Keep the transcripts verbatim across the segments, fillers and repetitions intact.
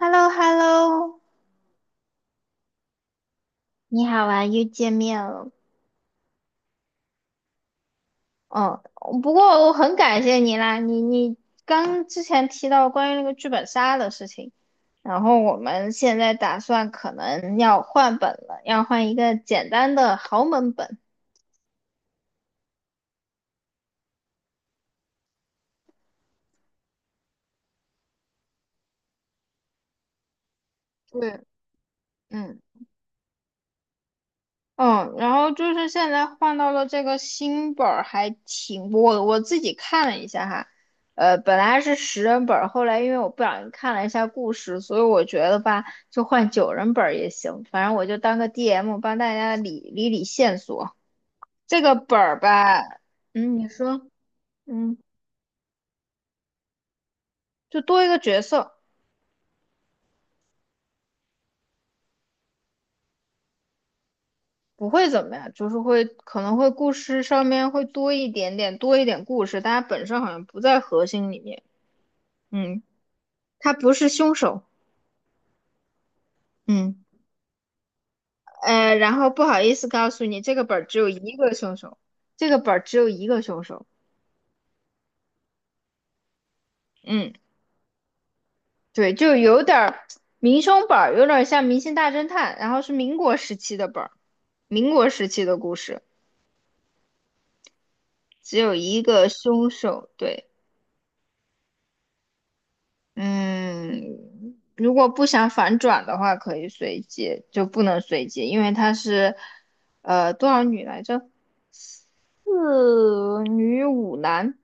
h e l l o h e l l o 你好啊，又见面了。哦，不过我很感谢你啦，你你刚之前提到关于那个剧本杀的事情，然后我们现在打算可能要换本了，要换一个简单的豪门本。对。嗯。嗯，然后就是现在换到了这个新本儿，还挺我我自己看了一下哈。呃，本来是十人本儿，后来因为我不小心看了一下故事，所以我觉得吧，就换九人本儿也行，反正我就当个 D M 帮大家理理理线索。这个本儿吧。嗯，你说。嗯，就多一个角色不会怎么样，就是会可能会故事上面会多一点点，多一点故事，但它本身好像不在核心里面。嗯，它不是凶手。嗯。呃，然后不好意思告诉你，这个本儿只有一个凶手，这个本儿只有一个凶手。嗯。对，就有点儿民凶本儿，有点儿像《明星大侦探》，然后是民国时期的本儿，民国时期的故事，只有一个凶手。对。嗯，如果不想反转的话，可以随机，就不能随机，因为它是呃多少女来着？四女五男。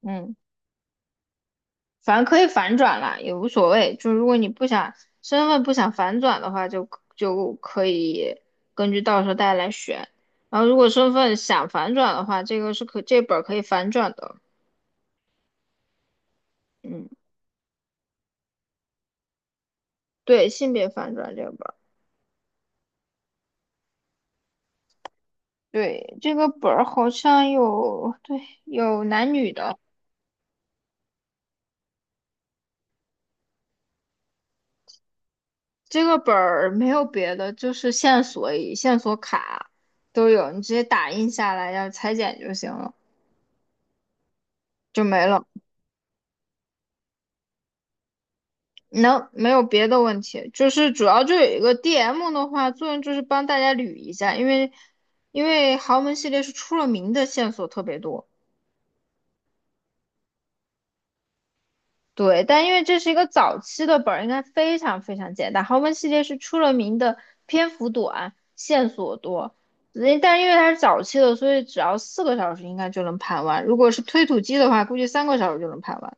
嗯。反正可以反转啦，也无所谓。就如果你不想身份不想反转的话，就就可以根据到时候大家来选。然后如果身份想反转的话，这个是可这本儿可以反转的。嗯。对，性别反转这个本儿。对，这个本儿好像有对有男女的。这个本儿没有别的，就是线索线索卡都有，你直接打印下来要裁剪就行了，就没了。能，没有别的问题，就是主要就有一个 D M 的话，作用就是帮大家捋一下，因为因为豪门系列是出了名的线索特别多。对，但因为这是一个早期的本儿，应该非常非常简单。豪门系列是出了名的篇幅短，线索多，人但因为它是早期的，所以只要四个小时应该就能盘完。如果是推土机的话，估计三个小时就能盘完。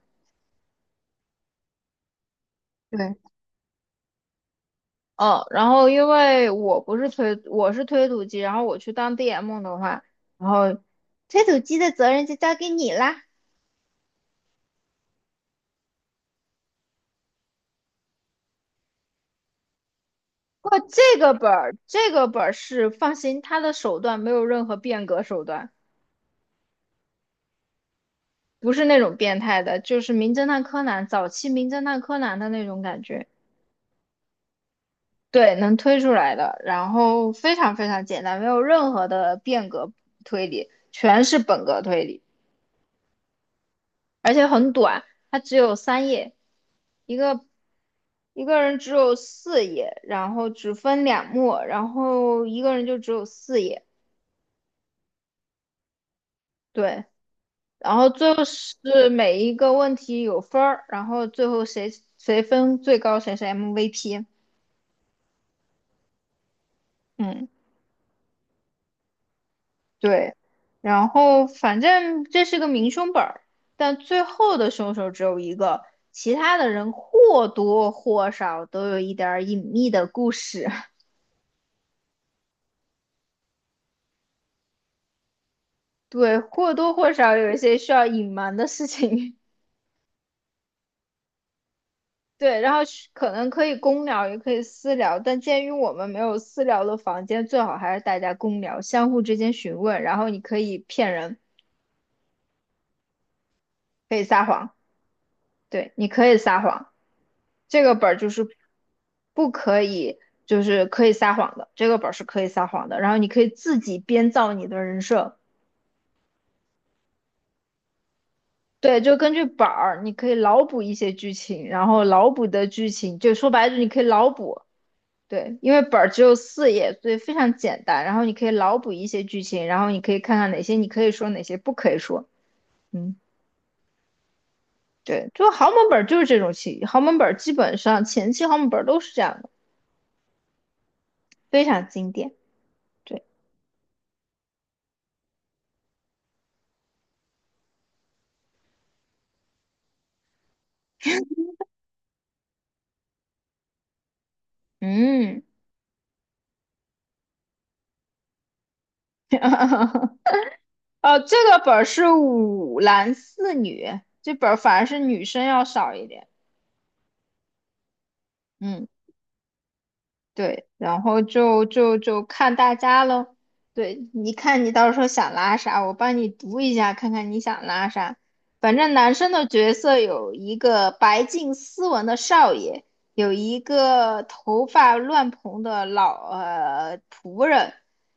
对。哦，然后因为我不是推，我是推土机，然后我去当 D M 的话，然后推土机的责任就交给你啦。不过这个本儿，这个本儿是放心，他的手段没有任何变革手段，不是那种变态的，就是名侦探柯南早期名侦探柯南的那种感觉。对，能推出来的，然后非常非常简单，没有任何的变革推理，全是本格推理。而且很短，它只有三页。一个一个人只有四页，然后只分两幕，然后一个人就只有四页。对，然后最后是每一个问题有分儿，然后最后谁谁分最高谁是 M V P。嗯。对，然后反正这是个明凶本儿，但最后的凶手只有一个，其他的人或多或少都有一点儿隐秘的故事。对，或多或少有一些需要隐瞒的事情。对，然后是可能可以公聊，也可以私聊，但鉴于我们没有私聊的房间，最好还是大家公聊，相互之间询问，然后你可以骗人，可以撒谎。对，你可以撒谎。这个本儿就是不可以，就是可以撒谎的，这个本儿是可以撒谎的，然后你可以自己编造你的人设。对，就根据本儿，你可以脑补一些剧情，然后脑补的剧情，就说白了，你可以脑补。对，因为本儿只有四页，所以非常简单。然后你可以脑补一些剧情，然后你可以看看哪些你可以说，哪些不可以说。嗯。对，就豪门本儿就是这种情，豪门本儿基本上前期豪门本儿都是这样的，非常经典。对。嗯。呃，这个本儿是五男四女，这本儿反而是女生要少一点。嗯。对，然后就就就看大家喽。对，你看你到时候想拉啥，我帮你读一下，看看你想拉啥。反正男生的角色有一个白净斯文的少爷，有一个头发乱蓬的老呃仆人，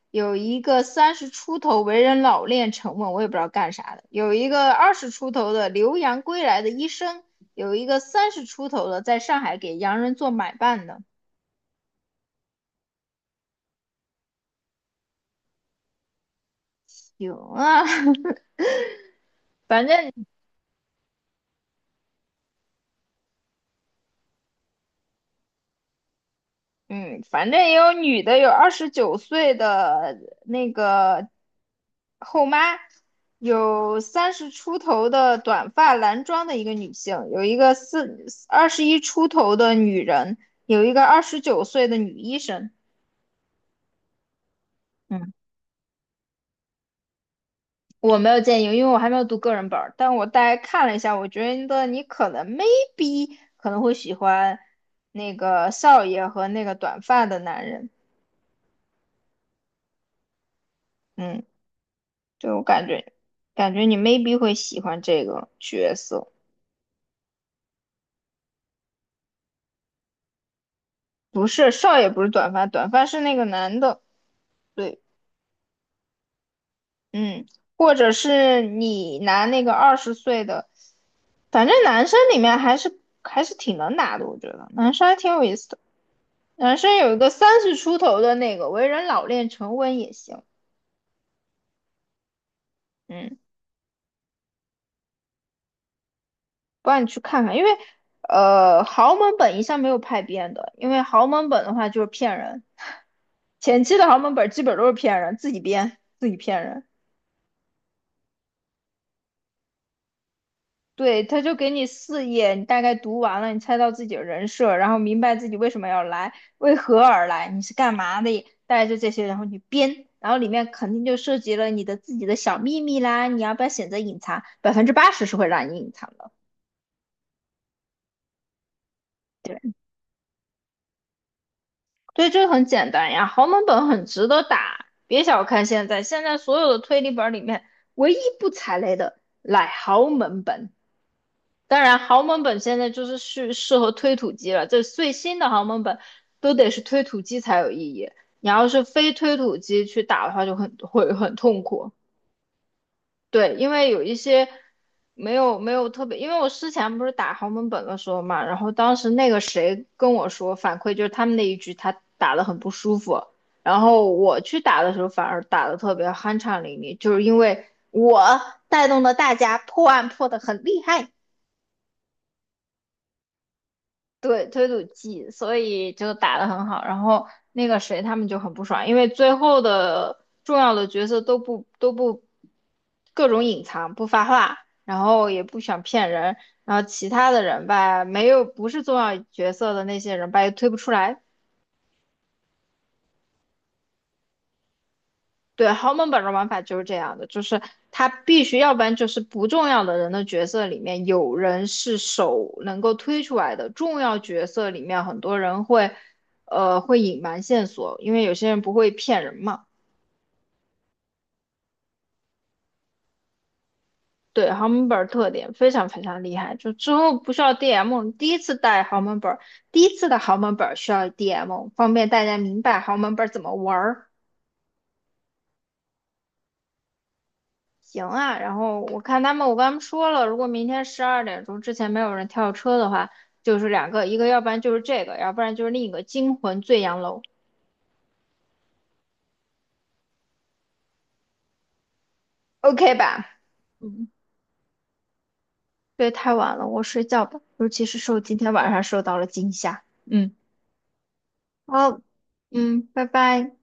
有一个三十出头为人老练沉稳，我也不知道干啥的，有一个二十出头的留洋归来的医生，有一个三十出头的在上海给洋人做买办的。有啊。反正嗯，反正也有女的，有二十九岁的那个后妈，有三十出头的短发男装的一个女性，有一个四二十一出头的女人，有一个二十九岁的女医生。嗯，我没有建议，因为我还没有读个人本儿，但我大概看了一下，我觉得你可能 maybe 可能会喜欢那个少爷和那个短发的男人。嗯。对，我感觉，感觉你 maybe 会喜欢这个角色。不是，少爷不是短发，短发是那个男的。对。嗯，或者是你拿那个二十岁的，反正男生里面还是还是挺能拿的，我觉得男生还挺有意思的。男生有一个三十出头的那个为人老练沉稳也行。嗯，不然你去看看，因为呃豪门本一向没有派编的，因为豪门本的话就是骗人。前期的豪门本基本都是骗人，自己编，自己骗人。对，他就给你四页，你大概读完了，你猜到自己的人设，然后明白自己为什么要来，为何而来，你是干嘛的，大概就这些，然后你编，然后里面肯定就涉及了你的自己的小秘密啦，你要不要选择隐藏？百分之八十是会让你隐藏的。对。对，这个很简单呀，豪门本很值得打。别小看现在，现在所有的推理本里面，唯一不踩雷的乃豪门本。当然，豪门本现在就是适适合推土机了。这最新的豪门本都得是推土机才有意义，你要是非推土机去打的话，就很会很痛苦。对，因为有一些没有没有特别，因为我之前不是打豪门本的时候嘛，然后当时那个谁跟我说反馈就是他们那一局他打得很不舒服，然后我去打的时候反而打的特别酣畅淋漓，就是因为我带动了大家破案破的很厉害。对，推土机，所以就打得很好。然后那个谁他们就很不爽，因为最后的重要的角色都不都不各种隐藏，不发话，然后也不想骗人，然后其他的人吧，没有不是重要角色的那些人吧，也推不出来。对，豪门本的玩法就是这样的，就是他必须，要不然就是不重要的人的角色里面有人是手能够推出来的，重要角色里面很多人会，呃，会隐瞒线索，因为有些人不会骗人嘛。对，豪门本儿特点非常非常厉害，就之后不需要 D M，第一次带豪门本儿，第一次的豪门本儿需要 D M，方便大家明白豪门本儿怎么玩儿。行啊，然后我看他们，我跟他们说了，如果明天十二点钟之前没有人跳车的话，就是两个，一个要不然就是这个，要不然就是另一个惊魂醉阳楼，OK 吧？嗯对，太晚了，我睡觉吧，尤其是受今天晚上受到了惊吓。嗯。好。嗯，拜拜。